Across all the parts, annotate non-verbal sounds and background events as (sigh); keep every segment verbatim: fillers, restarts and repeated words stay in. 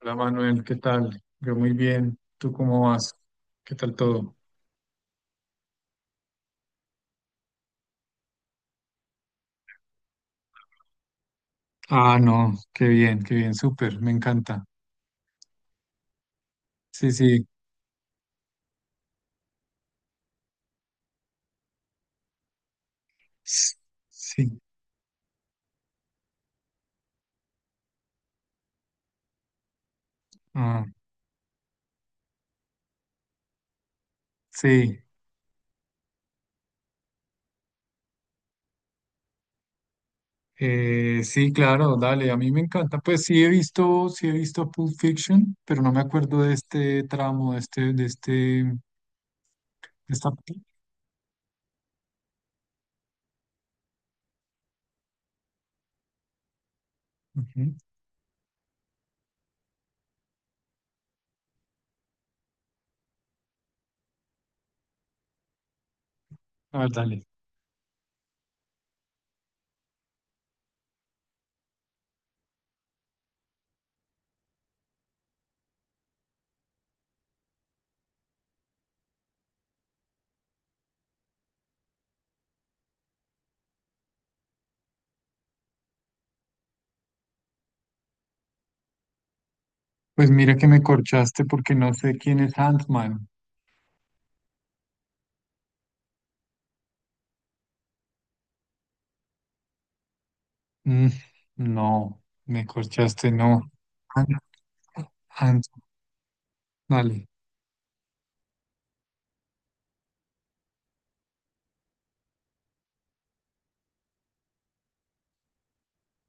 Hola Manuel, ¿qué tal? Yo muy bien. ¿Tú cómo vas? ¿Qué tal todo? Ah, no, qué bien, qué bien, súper, me encanta. Sí, sí, s- sí, ah, sí, eh, sí, claro, dale, a mí me encanta. Pues sí he visto, sí he visto Pulp Fiction, pero no me acuerdo de este tramo, de este, de este, de esta... Ujú. A ver, dale. Pues mira que me corchaste porque no sé quién es Ant-Man. Mm, no, me corchaste, no. An- an- Dale.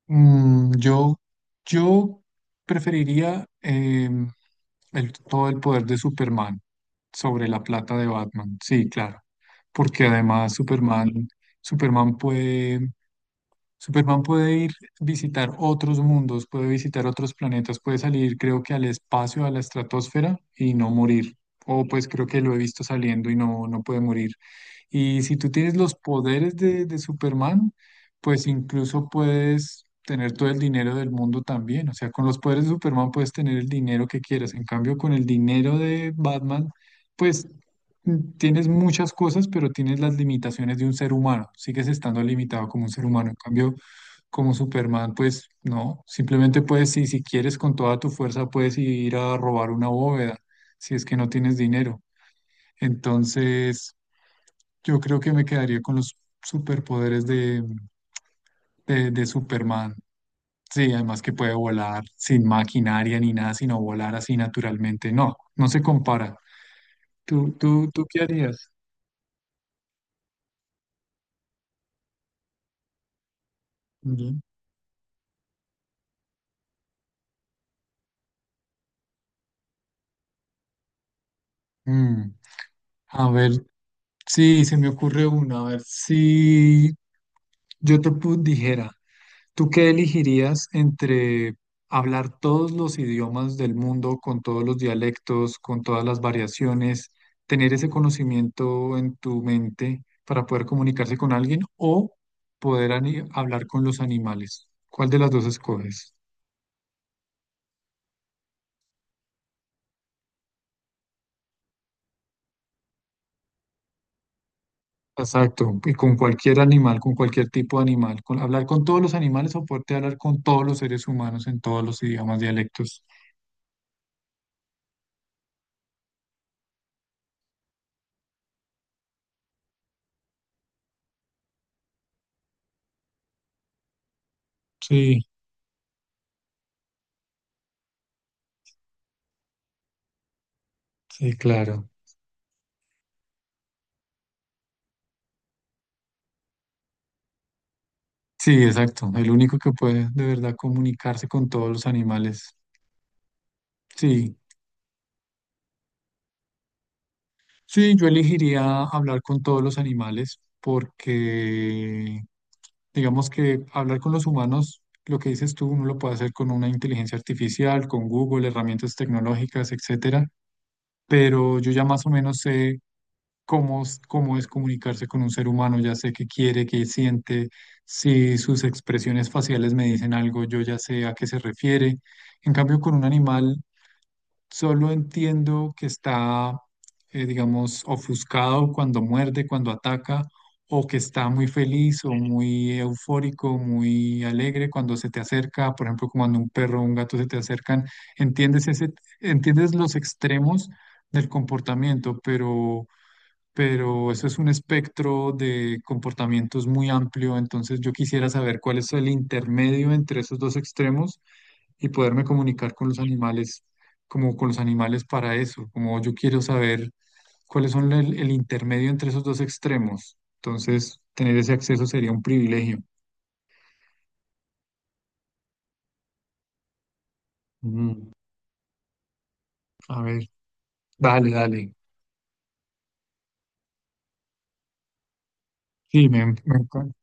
Mm, yo, yo preferiría em, el- todo el poder de Superman sobre la plata de Batman. Sí, claro. Porque además Superman, Superman puede, Superman puede ir visitar otros mundos, puede visitar otros planetas, puede salir, creo que al espacio, a la estratosfera y no morir. O pues creo que lo he visto saliendo y no, no puede morir. Y si tú tienes los poderes de, de Superman, pues incluso puedes tener todo el dinero del mundo también. O sea, con los poderes de Superman puedes tener el dinero que quieras. En cambio, con el dinero de Batman, pues mm, tienes muchas cosas, pero tienes las limitaciones de un ser humano. Sigues estando limitado como un ser humano. En cambio, como Superman, pues no. Simplemente puedes, si, si quieres, con toda tu fuerza, puedes ir a robar una bóveda, si es que no tienes dinero. Entonces, yo creo que me quedaría con los superpoderes de, de de Superman. Sí, además que puede volar sin maquinaria ni nada, sino volar así naturalmente. No, no se compara. ¿Tú, tú, ¿tú qué harías? Bien. Mm, a ver, sí, se me ocurre una. A ver, si yo te pu- dijera, ¿tú qué elegirías entre hablar todos los idiomas del mundo, con todos los dialectos, con todas las variaciones, tener ese conocimiento en tu mente para poder comunicarse con alguien o poder ani- hablar con los animales? ¿Cuál de las dos escoges? Exacto, y con cualquier animal, con cualquier tipo de animal, con, hablar con todos los animales o poderte hablar con todos los seres humanos en todos los idiomas, dialectos. Sí, sí, claro. Sí, exacto. El único que puede de verdad comunicarse con todos los animales. Sí, sí, yo elegiría hablar con todos los animales porque digamos que hablar con los humanos, lo que dices tú, uno lo puede hacer con una inteligencia artificial, con Google, herramientas tecnológicas, etcétera. Pero yo ya más o menos sé cómo, es- cómo es comunicarse con un ser humano, ya sé qué quiere, qué siente, si sus expresiones faciales me dicen algo, yo ya sé a qué se refiere. En cambio, con un animal solo entiendo que está, eh, digamos, ofuscado cuando muerde, cuando ataca, o que está muy feliz o muy eufórico, muy alegre cuando se te acerca, por ejemplo, como cuando un perro o un gato se te acercan. Entiendes ese, Entiendes los extremos del comportamiento, pero pero eso es un espectro de comportamientos muy amplio, entonces yo quisiera saber cuál es el intermedio entre esos dos extremos y poderme comunicar con los animales, como con los animales para eso, como yo quiero saber cuáles son el, el intermedio entre esos dos extremos, entonces tener ese acceso sería un privilegio. Mm, a ver, dale, dale. Sí, me, me encanta.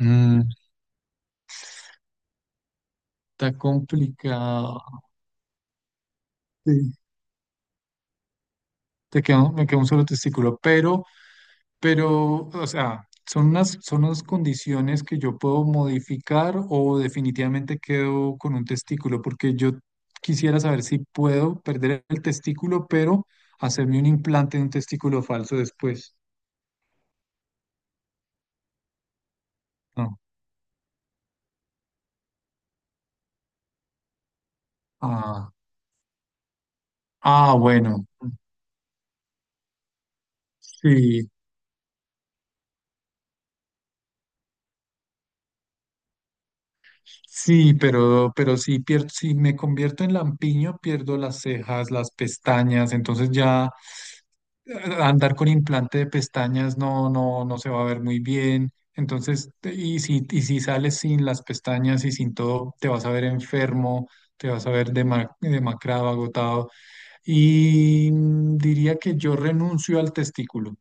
Mm, está complicado. Sí, te queda, me queda un solo testículo, pero... Pero, o sea, son unas, son unas condiciones que yo puedo modificar o definitivamente quedo con un testículo, porque yo quisiera saber si puedo perder el testículo, pero hacerme un implante de un testículo falso después. No. Ah, ah, bueno. Sí, sí, pero, pero si, pierdo, si me convierto en lampiño, pierdo las cejas, las pestañas, entonces ya eh, andar con implante de pestañas no, no, no se va a ver muy bien. Entonces, te- y si, y si sales sin las pestañas y sin todo, te vas a ver enfermo, te vas a ver dema- demacrado, agotado. Y mm, diría que yo renuncio al testículo.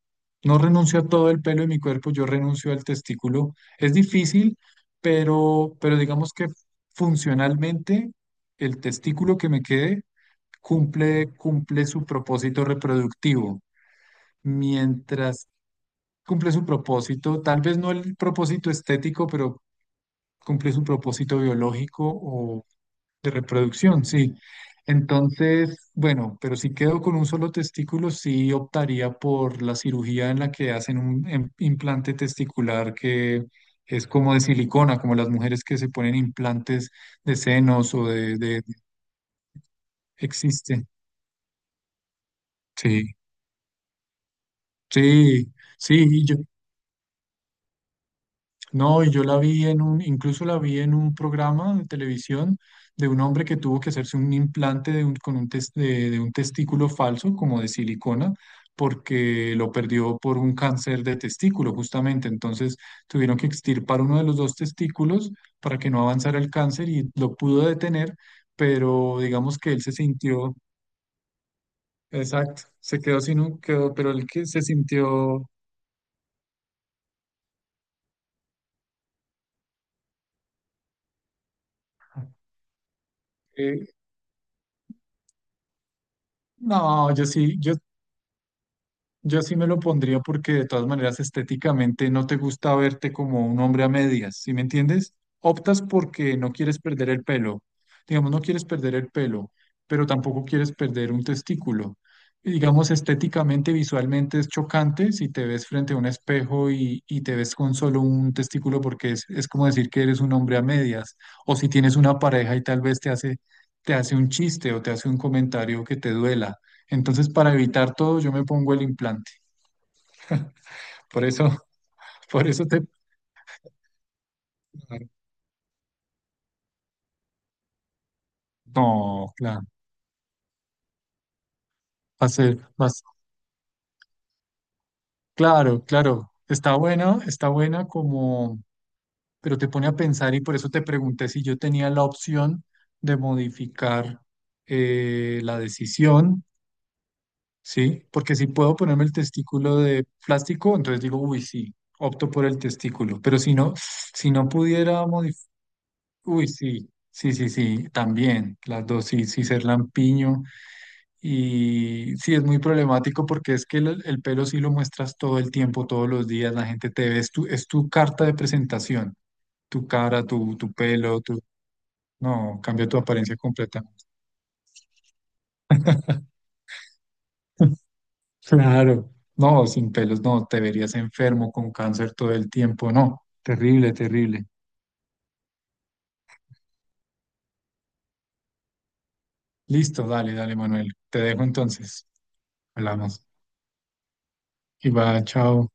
No renuncio a todo el pelo de mi cuerpo, yo renuncio al testículo. Es difícil, pero, pero digamos que funcionalmente el testículo que me quede cumple, cumple su propósito reproductivo. Mientras cumple su propósito, tal vez no el propósito estético, pero cumple su propósito biológico de reproducción, sí. Entonces, bueno, pero si quedo con un solo testículo, sí optaría por la cirugía en la que hacen un em- implante testicular que es como de silicona, como las mujeres que se ponen implantes de senos o de, de- existe. Sí, sí, sí. y Yo, No, y yo la vi en un, incluso la vi en un programa de televisión de un hombre que tuvo que hacerse un implante de un, con un tes- de, de un testículo falso, como de silicona, porque lo perdió por un cáncer de testículo, justamente. Entonces tuvieron que extirpar uno de los dos testículos para que no avanzara el cáncer y lo pudo detener, pero digamos que él se sintió, exacto, se quedó sin un, quedó, pero él que se sintió, eh, no, yo sí, yo yo sí me lo pondría porque de todas maneras estéticamente no te gusta verte como un hombre a medias, ¿sí me entiendes? Optas porque no quieres perder el pelo, digamos, no quieres perder el pelo, pero tampoco quieres perder un testículo. Y digamos, estéticamente, visualmente es chocante si te ves frente a un espejo y, y te ves con solo un testículo porque es, es como decir que eres un hombre a medias, o si tienes una pareja y tal vez te hace, te hace un chiste o te hace un comentario que te duela. Entonces, para evitar todo, yo me pongo el implante. Por eso, (laughs) por eso te... No, claro, va a ser más... Claro, claro, está buena, está buena como... Pero te pone a pensar y por eso te pregunté si yo tenía la opción de modificar eh, la decisión, ¿sí? Porque si puedo ponerme el testículo de plástico, entonces digo, uy, sí, opto por el testículo. Pero si no, si no pudiera modificar uy, sí, sí, sí, sí, también, las dos, sí, sí, ser lampiño. Y sí, es muy problemático porque es que el, el pelo sí lo muestras todo el tiempo, todos los días, la gente te ve, es tu, es tu carta de presentación, tu cara, tu, tu pelo, tu... No, cambia tu apariencia completa. (laughs) Claro. No, sin pelos, no, te verías enfermo con cáncer todo el tiempo, no, terrible, terrible. Listo, dale, dale, Manuel, te dejo entonces, hablamos. Y va, chao.